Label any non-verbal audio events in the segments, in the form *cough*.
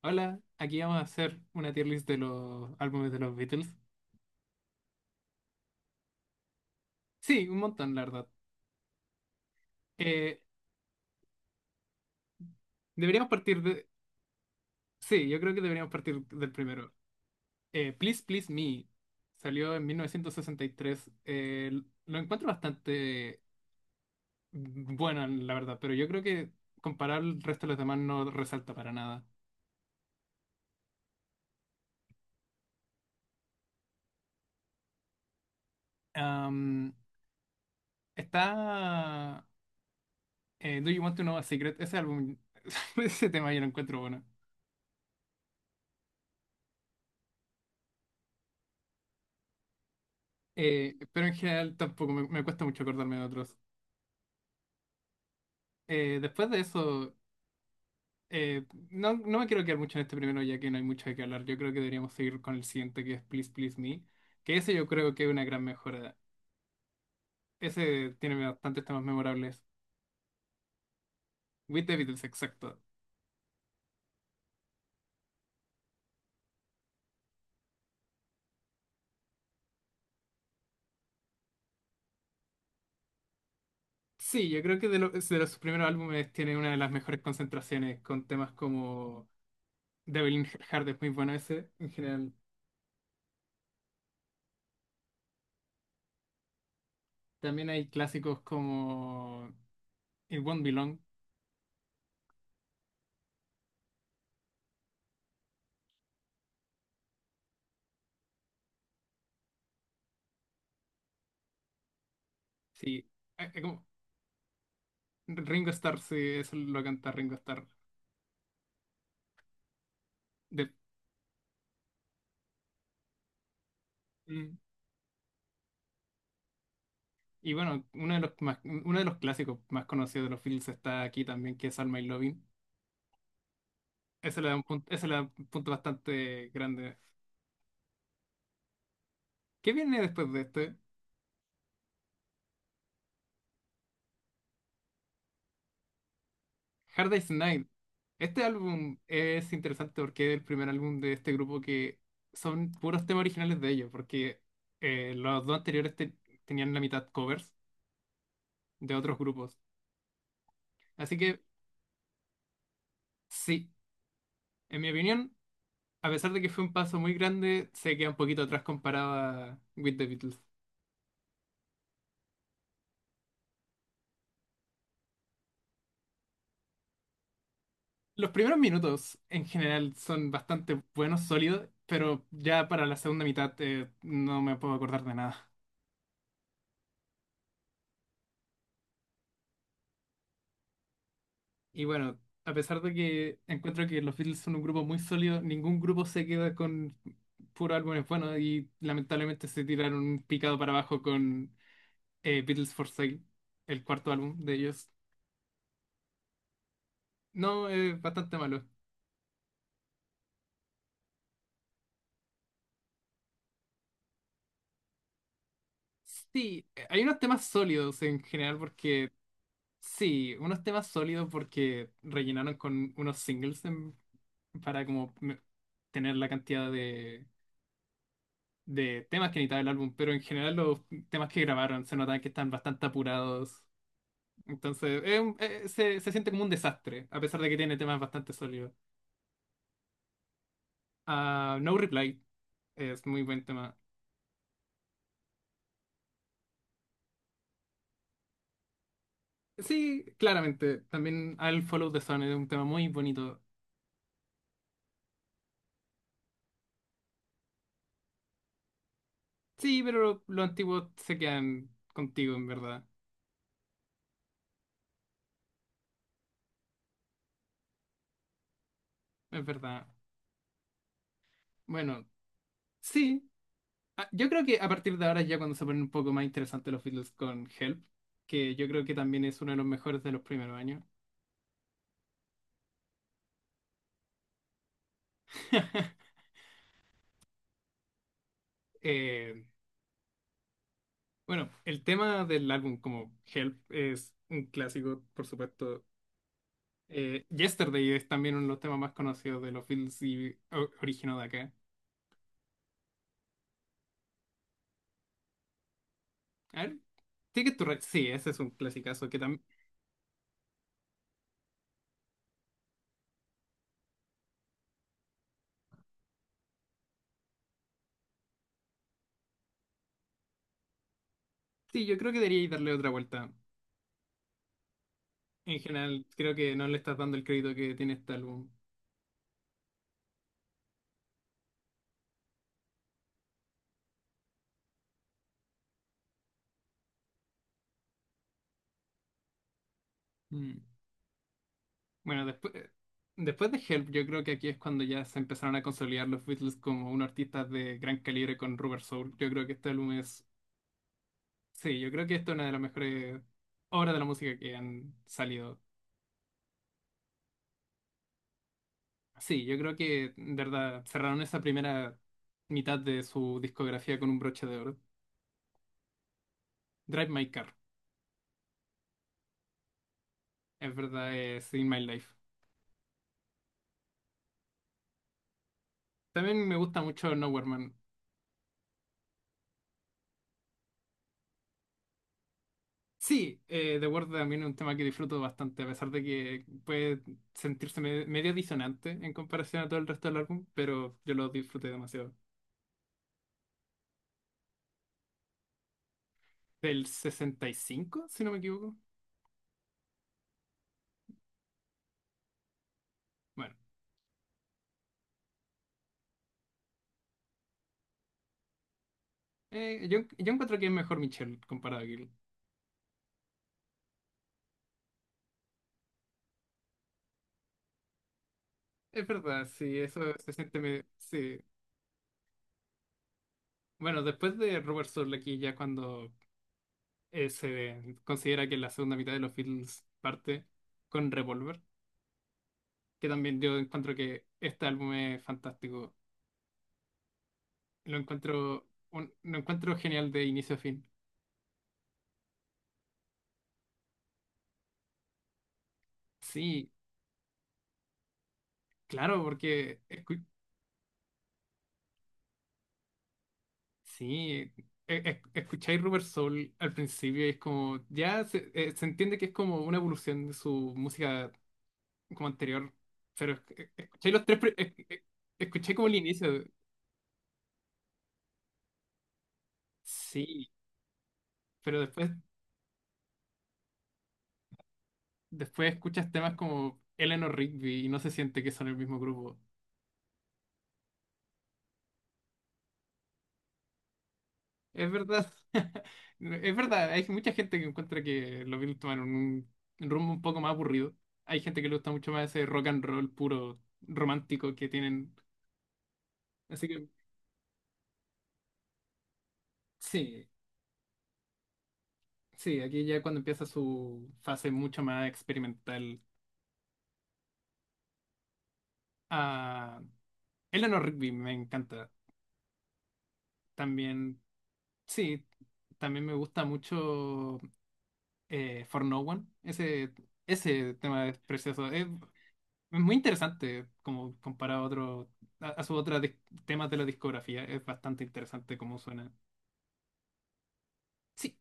Hola, aquí vamos a hacer una tier list de los álbumes de los Beatles. Sí, un montón, la verdad. Eh, deberíamos partir de. Sí, yo creo que deberíamos partir del primero. Please Please Me salió en 1963. Lo encuentro bastante bueno, la verdad, pero yo creo que comparar el resto de los demás no resalta para nada. Am, está... Do You Want to Know a Secret? Ese álbum, *laughs* ese tema yo lo encuentro bueno. Pero en general tampoco me cuesta mucho acordarme de otros. Después de eso, eh, no, no me quiero quedar mucho en este primero, ya que no hay mucho de qué hablar. Yo creo que deberíamos seguir con el siguiente, que es Please Please Me, que ese yo creo que es una gran mejora. Ese tiene bastantes temas memorables. With the Beatles, exacto. Sí, yo creo que de los primeros álbumes tiene una de las mejores concentraciones, con temas como Devil in Heart es muy bueno ese, en general. También hay clásicos como It Won't Be Long. Sí, Ringo Starr, sí, eso lo canta Ringo Starr. De- mm, y bueno, uno de los más, uno de los clásicos más conocidos de los Beatles está aquí también, que es Alma y Lovin. Ese le da un punto, ese le da un punto bastante grande. ¿Qué viene después de este? Hard Day's Night. Este álbum es interesante porque es el primer álbum de este grupo que son puros temas originales de ellos, porque los dos anteriores tenían la mitad covers de otros grupos. Así que sí, en mi opinión. A pesar de que fue un paso muy grande, se queda un poquito atrás comparado a With the Beatles. Los primeros minutos en general son bastante buenos, sólidos, pero ya para la segunda mitad no me puedo acordar de nada. Y bueno, a pesar de que encuentro que los Beatles son un grupo muy sólido, ningún grupo se queda con puro álbumes buenos y lamentablemente se tiraron un picado para abajo con Beatles for Sale, el cuarto álbum de ellos. No, es bastante malo. Sí, hay unos temas sólidos en general porque, sí, unos temas sólidos porque rellenaron con unos singles para como tener la cantidad de temas que necesitaba el álbum, pero en general los temas que grabaron se notan que están bastante apurados, entonces es se siente como un desastre, a pesar de que tiene temas bastante sólidos. Ah, No Reply es muy buen tema. Sí, claramente, también I'll Follow the Sun es un tema muy bonito. Sí, pero los antiguos se quedan contigo, en verdad. Es verdad. Bueno, sí. Ah, yo creo que a partir de ahora es ya cuando se ponen un poco más interesantes los Beatles con Help, que yo creo que también es uno de los mejores de los primeros años. *laughs* Eh, bueno, el tema del álbum como Help es un clásico, por supuesto. Yesterday es también uno de los temas más conocidos de los Beatles y originó de acá. A ver, Ticket to Ride, sí, ese es un clasicazo que también. Sí, yo creo que deberíais darle otra vuelta. En general, creo que no le estás dando el crédito que tiene este álbum. Mm. Bueno, después, después de Help, yo creo que aquí es cuando ya se empezaron a consolidar los Beatles como unos artistas de gran calibre con Rubber Soul. Yo creo que este álbum es. Sí, yo creo que esta es una de las mejores obras de la música que han salido. Sí, yo creo que, de verdad, cerraron esa primera mitad de su discografía con un broche de oro. Drive My Car, es verdad, es In My Life. También me gusta mucho Nowhere Man. Sí, The Word también es un tema que disfruto bastante, a pesar de que puede sentirse medio disonante en comparación a todo el resto del álbum, pero yo lo disfruté demasiado. Del 65, si no me equivoco. Bueno, yo encuentro que es mejor Michelle comparado a Gil. Es verdad, sí, eso se siente medio. Sí. Bueno, después de Robert Soul aquí ya cuando se considera que la segunda mitad de los Beatles parte con Revolver, que también yo encuentro que este álbum es fantástico. Lo encuentro, lo encuentro genial de inicio a fin. Sí, claro, porque sí, escucháis Rubber Soul al principio y es como, ya se, se entiende que es como una evolución de su música como anterior, pero escucháis los tres, escucháis como el inicio, sí, pero después, después escuchas temas como Eleanor Rigby y no se siente que son el mismo grupo. Es verdad. *laughs* Es verdad, hay mucha gente que encuentra que los Beatles tomaron un rumbo un poco más aburrido. Hay gente que le gusta mucho más ese rock and roll puro romántico que tienen. Así que sí, sí, aquí ya cuando empieza su fase mucho más experimental. Ah, Eleanor Rigby me encanta. También, sí, también me gusta mucho For No One. Ese tema es precioso. Es muy interesante como comparado a a sus otros temas de la discografía. Es bastante interesante cómo suena. Sí,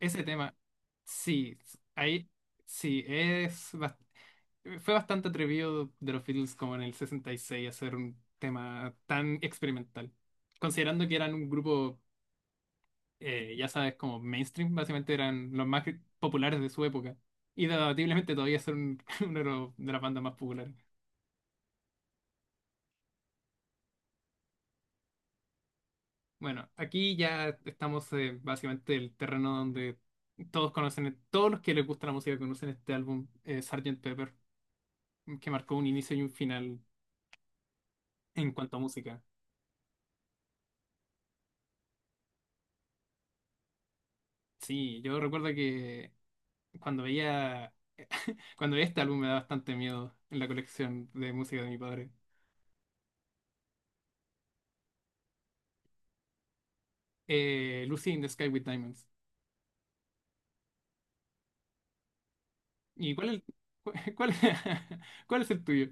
ese tema, sí, s- ahí, sí, es fue bastante atrevido de los Beatles como en el 66 hacer un tema tan experimental. Considerando que eran un grupo, ya sabes, como mainstream, básicamente eran los más populares de su época. Y debatiblemente todavía son *laughs* uno de de las bandas más populares. Bueno, aquí ya estamos básicamente en el terreno donde todos conocen, todos los que les gusta la música conocen este álbum, Sgt. Pepper, que marcó un inicio y un final en cuanto a música. Sí, yo recuerdo que cuando veía, cuando veía este álbum me da bastante miedo en la colección de música de mi padre. Lucy in the Sky with Diamonds. ¿Y cuál es, *laughs* cuál, *laughs* cuál es el tuyo?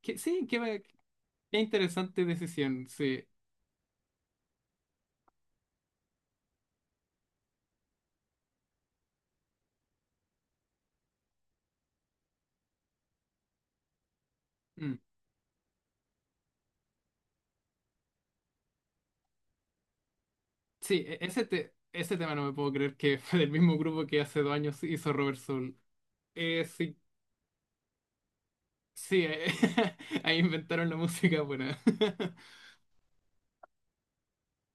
Que, sí, qué, va- qué interesante decisión, sí. Mm. Sí, ese tema no me puedo creer que *laughs* fue del mismo grupo que hace dos años hizo Robert Soul. Eh, sí, sí, eh, *laughs* ahí inventaron la música buena. *laughs*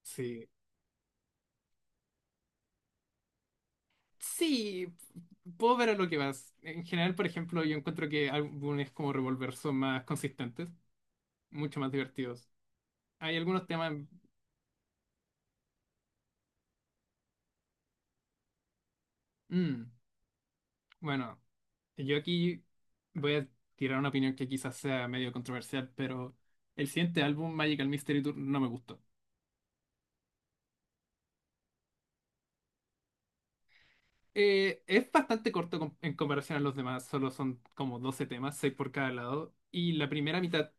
Sí, sí, puedo ver a lo que vas. En general, por ejemplo, yo encuentro que álbumes como Revolver son más consistentes, mucho más divertidos. Hay algunos temas. Mm, bueno, yo aquí voy a tirar una opinión que quizás sea medio controversial, pero el siguiente álbum, Magical Mystery Tour, no me gustó. Es bastante corto en comparación a los demás, solo son como 12 temas, 6 por cada lado, y la primera mitad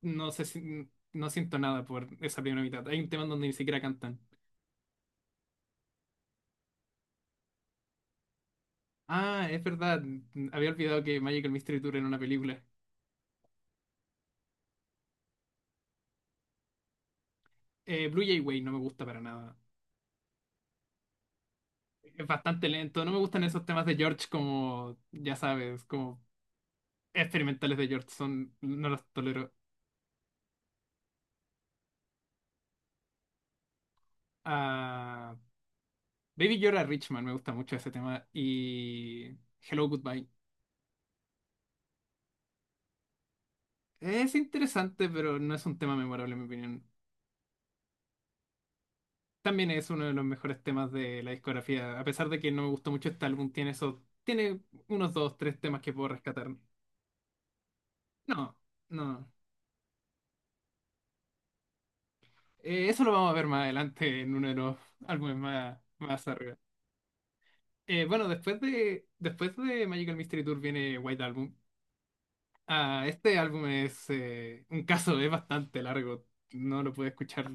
no sé si- no siento nada por esa primera mitad. Hay un tema donde ni siquiera cantan. Ah, es verdad, había olvidado que Magical Mystery Tour era una película. Blue Jay Way no me gusta para nada. Es bastante lento, no me gustan esos temas de George como, ya sabes, como experimentales de George, son, no los tolero. Ah, Baby Yoda Richman me gusta mucho ese tema y Hello Goodbye. Es interesante, pero no es un tema memorable en mi opinión. También es uno de los mejores temas de la discografía. A pesar de que no me gustó mucho este álbum, tiene eso tiene unos dos, tres temas que puedo rescatar. No, no. Eso lo vamos a ver más adelante en uno de los álbumes más, más arriba. Bueno, después de Magical Mystery Tour viene White Album. Ah, este álbum es un caso, es bastante largo. No lo puedo escuchar,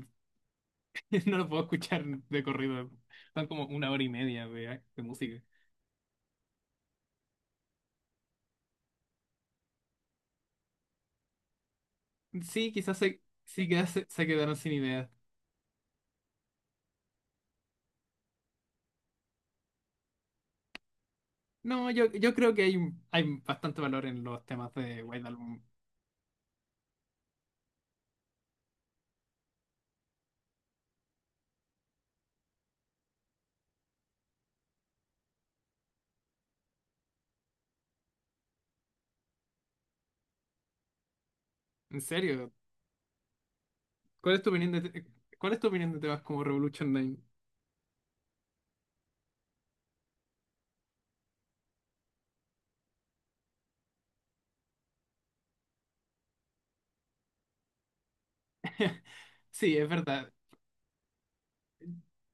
*laughs* no lo puedo escuchar de corrido. Son como una hora y media de música. Sí, sí que se quedaron sin ideas. No, yo creo que hay bastante valor en los temas de White Album. En serio, ¿cuál es tu opinión cuál es tu opinión de temas como Revolution 9? *laughs* Sí, es verdad.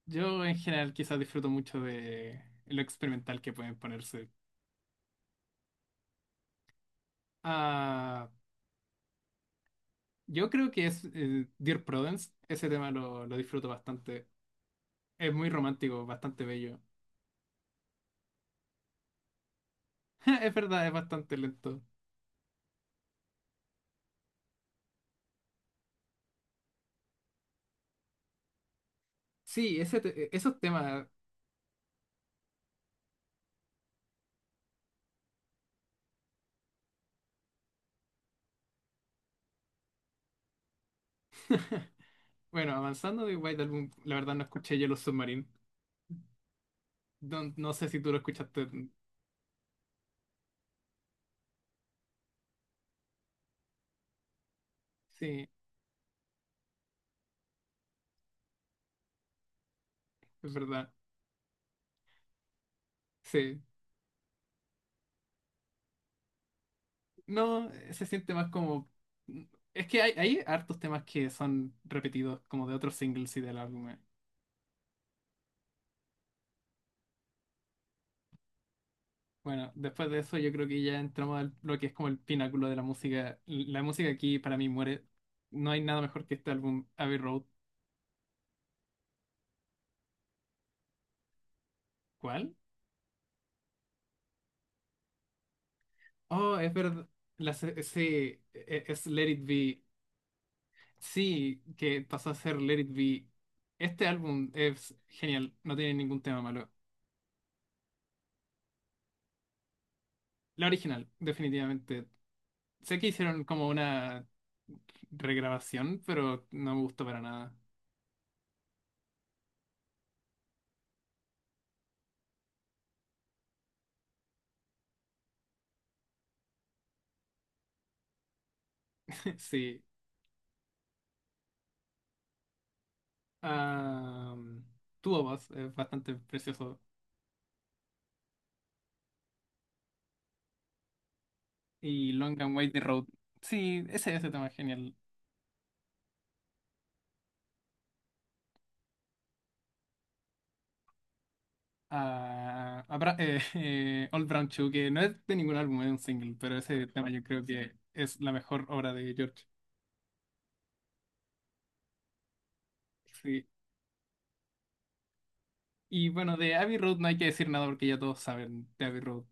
Yo en general quizás disfruto mucho de lo experimental que pueden ponerse. Ah, yo creo que es Dear Prudence. Ese tema lo disfruto bastante. Es muy romántico, bastante bello. *laughs* Es verdad, es bastante lento. Sí, ese esos temas. *laughs* Bueno, avanzando de White Album, la verdad no escuché Yellow Submarine. No, no sé si tú lo escuchaste. Sí, es verdad. Sí. No, se siente más como. Es que hay hartos temas que son repetidos como de otros singles y del álbum. Bueno, después de eso yo creo que ya entramos al lo que es como el pináculo de la música. La música aquí para mí muere. No hay nada mejor que este álbum, Abbey Road. ¿Cuál? Oh, es verdad. La, se- sí, e- e, es Let It Be. Sí, que pasó a ser Let It Be. Este álbum es genial, no tiene ningún tema malo. La original, definitivamente. Sé que hicieron como una regrabación, pero no me gustó para nada. *laughs* Sí. Um, Two of Us es bastante precioso. Y Long and Wide Road. Sí, ese tema es genial. Ah, *laughs* Old Brown Shoe, que no es de ningún álbum, es un single, pero ese tema yo creo que es la mejor obra de George. Sí. Y bueno, de Abbey Road no hay que decir nada porque ya todos saben de Abbey Road.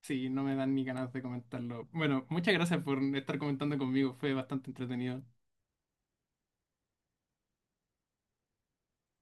Sí, no me dan ni ganas de comentarlo. Bueno, muchas gracias por estar comentando conmigo, fue bastante entretenido.